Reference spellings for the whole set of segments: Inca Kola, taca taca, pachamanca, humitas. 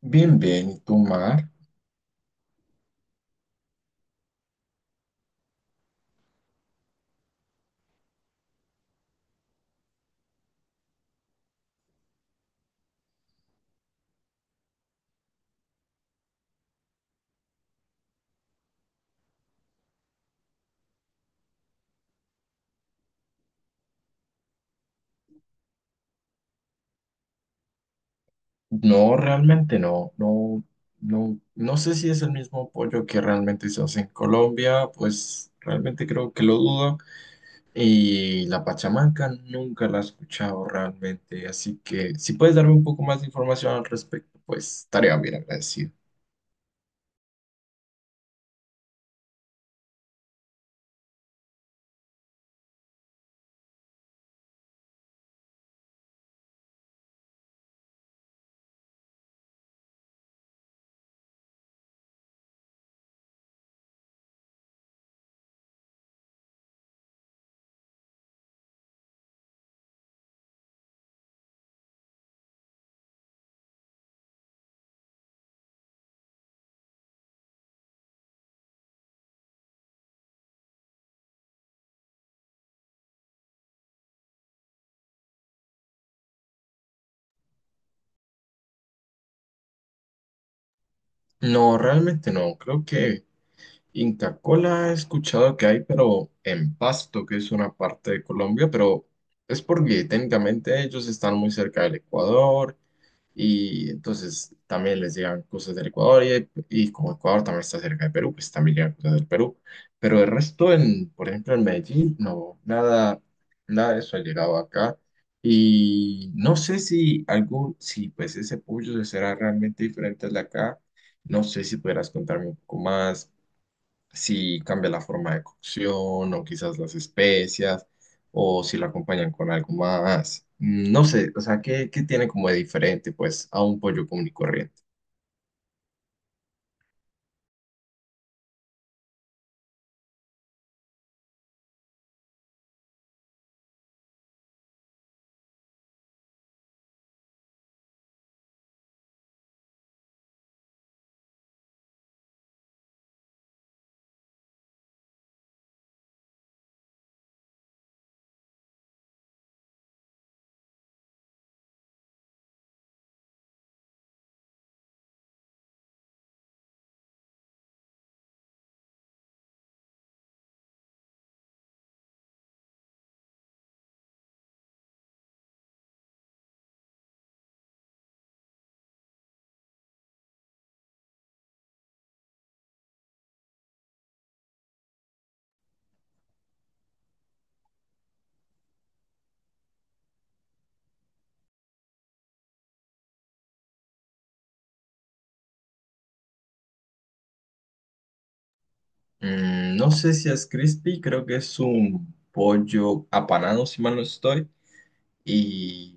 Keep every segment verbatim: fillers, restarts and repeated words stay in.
Bien, bien, ¿y tú, Mar? No, realmente no, no, no, no sé si es el mismo pollo que realmente se hace en Colombia, pues realmente creo que lo dudo. Y la pachamanca nunca la he escuchado realmente, así que si puedes darme un poco más de información al respecto, pues estaría bien agradecido. No, realmente no, creo que Inca Kola he escuchado que hay, pero en Pasto, que es una parte de Colombia, pero es porque técnicamente ellos están muy cerca del Ecuador y entonces también les llegan cosas del Ecuador y, y como Ecuador también está cerca de Perú, pues también llegan cosas del Perú. Pero el resto, en, por ejemplo, en Medellín, no, nada, nada de eso ha llegado acá. Y no sé si algún, si pues ese pollo será realmente diferente al de acá. No sé si podrás contarme un poco más si cambia la forma de cocción o quizás las especias o si lo acompañan con algo más. Mm, No sé, o sea, ¿qué, qué tiene como de diferente pues a un pollo común y corriente? Mm, no sé si es crispy, creo que es un pollo apanado, si mal no estoy, y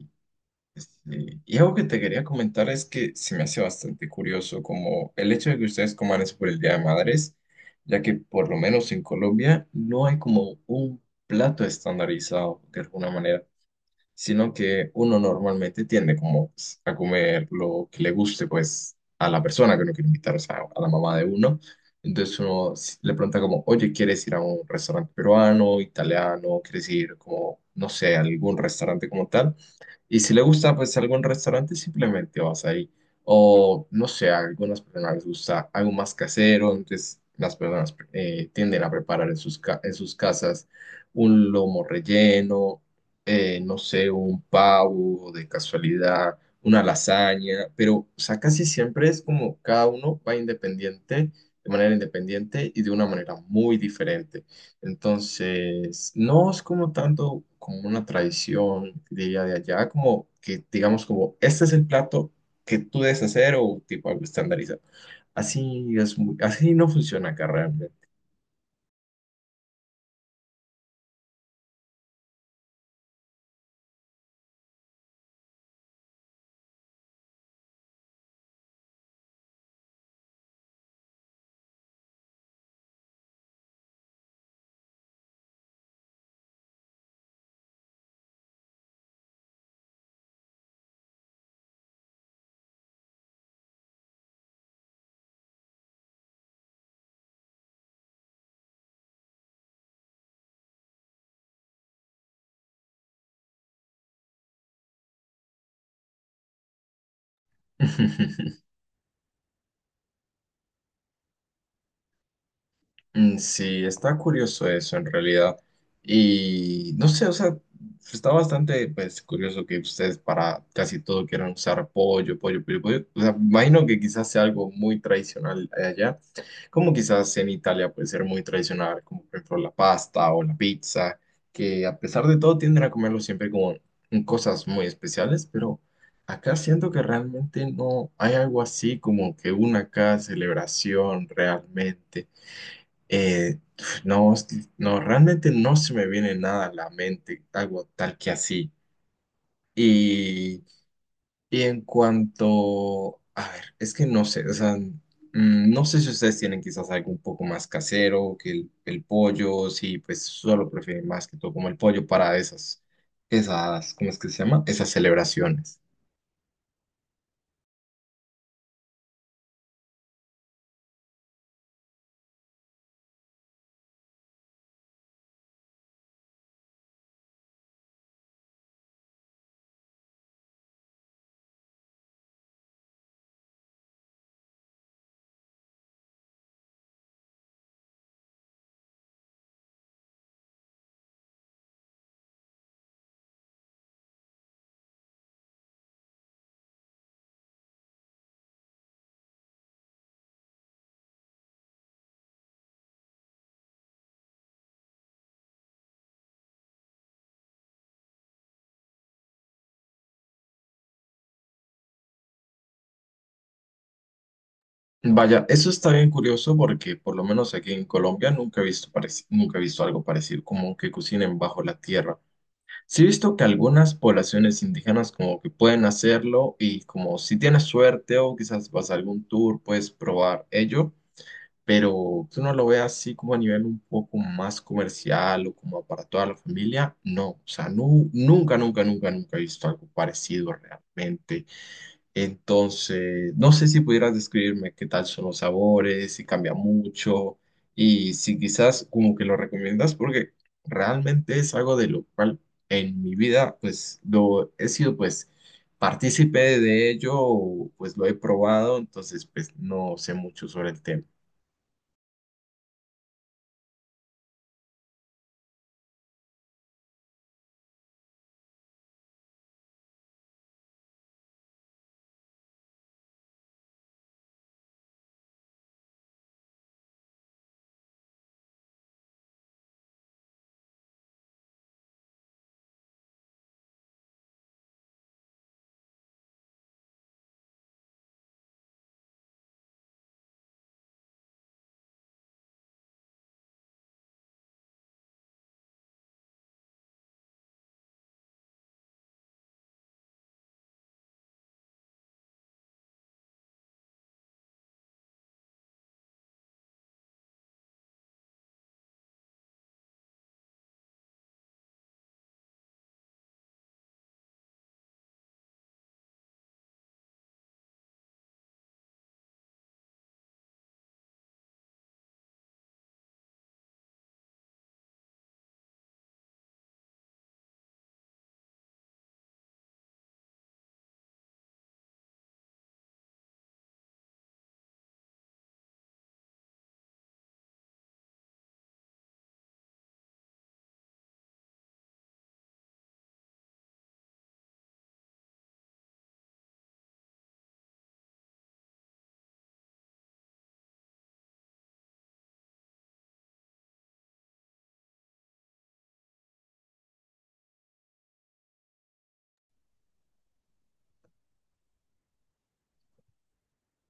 sí, y algo que te quería comentar es que se me hace bastante curioso como el hecho de que ustedes coman eso por el Día de Madres, ya que por lo menos en Colombia no hay como un plato estandarizado de alguna manera, sino que uno normalmente tiende como pues, a comer lo que le guste pues a la persona que uno quiere invitar, o sea, a la mamá de uno. Entonces uno s- le pregunta como, oye, ¿quieres ir a un restaurante peruano, italiano? ¿Quieres ir como, no sé, a algún restaurante como tal? Y si le gusta, pues algún restaurante, simplemente vas ahí. O no sé, a algunas personas les gusta algo más casero, entonces las personas eh, tienden a preparar en sus, ca- en sus casas un lomo relleno, eh, no sé, un pavo de casualidad, una lasaña, pero o sea, casi siempre es como cada uno va independiente, de manera independiente y de una manera muy diferente. Entonces, no es como tanto como una tradición, diría de allá, como que digamos como este es el plato que tú debes hacer o tipo algo estandarizado. Así es muy- así no funciona acá realmente. Mm, sí, está curioso eso en realidad. Y no sé, o sea, está bastante pues, curioso que ustedes para casi todo quieran usar pollo, pollo, pollo, pollo. O sea, imagino que quizás sea algo muy tradicional allá, como quizás en Italia puede ser muy tradicional, como por ejemplo la pasta o la pizza, que a pesar de todo tienden a comerlo siempre como en cosas muy especiales, pero acá siento que realmente no hay algo así como que una acá celebración realmente. Eh, no, no, realmente no se me viene nada a la mente, algo tal que así. Y, y en cuanto, a ver, es que no sé, o sea, mm, no sé si ustedes tienen quizás algo un poco más casero que el, el pollo, si pues solo prefieren más que todo como el pollo para esas, esas, ¿cómo es que se llama? Esas celebraciones. Vaya, eso está bien curioso porque por lo menos aquí en Colombia nunca he visto parec- nunca he visto algo parecido, como que cocinen bajo la tierra. Sí he visto que algunas poblaciones indígenas como que pueden hacerlo y como si tienes suerte o quizás vas a algún tour, puedes probar ello, pero que uno lo vea así como a nivel un poco más comercial o como para toda la familia, no, o sea, nu- nunca, nunca, nunca, nunca he visto algo parecido realmente. Entonces, no sé si pudieras describirme qué tal son los sabores, si cambia mucho y si quizás como que lo recomiendas, porque realmente es algo de lo cual en mi vida pues lo he sido pues partícipe de ello, o, pues lo he probado, entonces pues no sé mucho sobre el tema.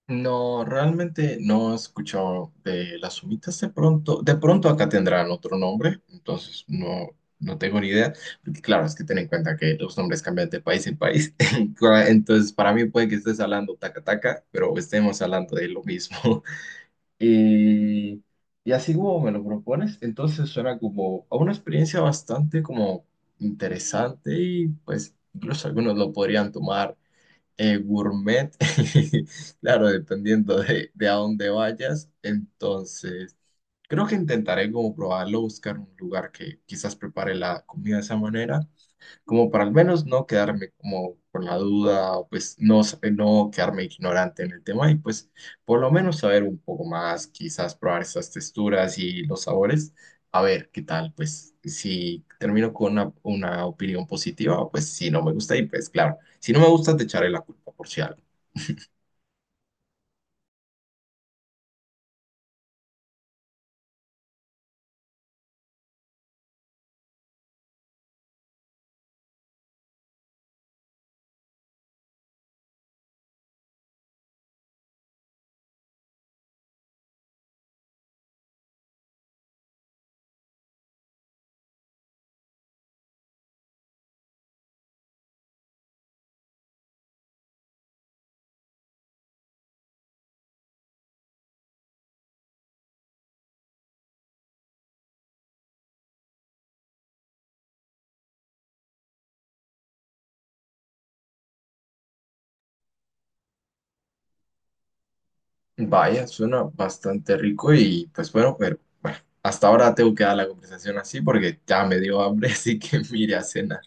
No, realmente no he escuchado de las humitas de pronto. De pronto acá tendrán otro nombre, entonces no, no tengo ni idea. Porque claro, es que ten en cuenta que los nombres cambian de país en país. Entonces, para mí puede que estés hablando taca taca, pero estemos hablando de lo mismo. Y, y así como me lo propones, entonces suena como a una experiencia bastante como interesante y pues incluso algunos lo podrían tomar eh, gourmet, claro, dependiendo de, de a dónde vayas. Entonces, creo que intentaré como probarlo, buscar un lugar que quizás prepare la comida de esa manera como para al menos no quedarme como con la duda, o pues no, sa- no quedarme ignorante en el tema y pues por lo menos saber un poco más, quizás probar esas texturas y los sabores, a ver qué tal, pues si termino con una, una opinión positiva, pues si no me gusta y pues claro, si no me gusta te echaré la culpa por si algo. Vaya, suena bastante rico y pues bueno, pero bueno, hasta ahora tengo que dar la conversación así porque ya me dio hambre, así que mire a cenar.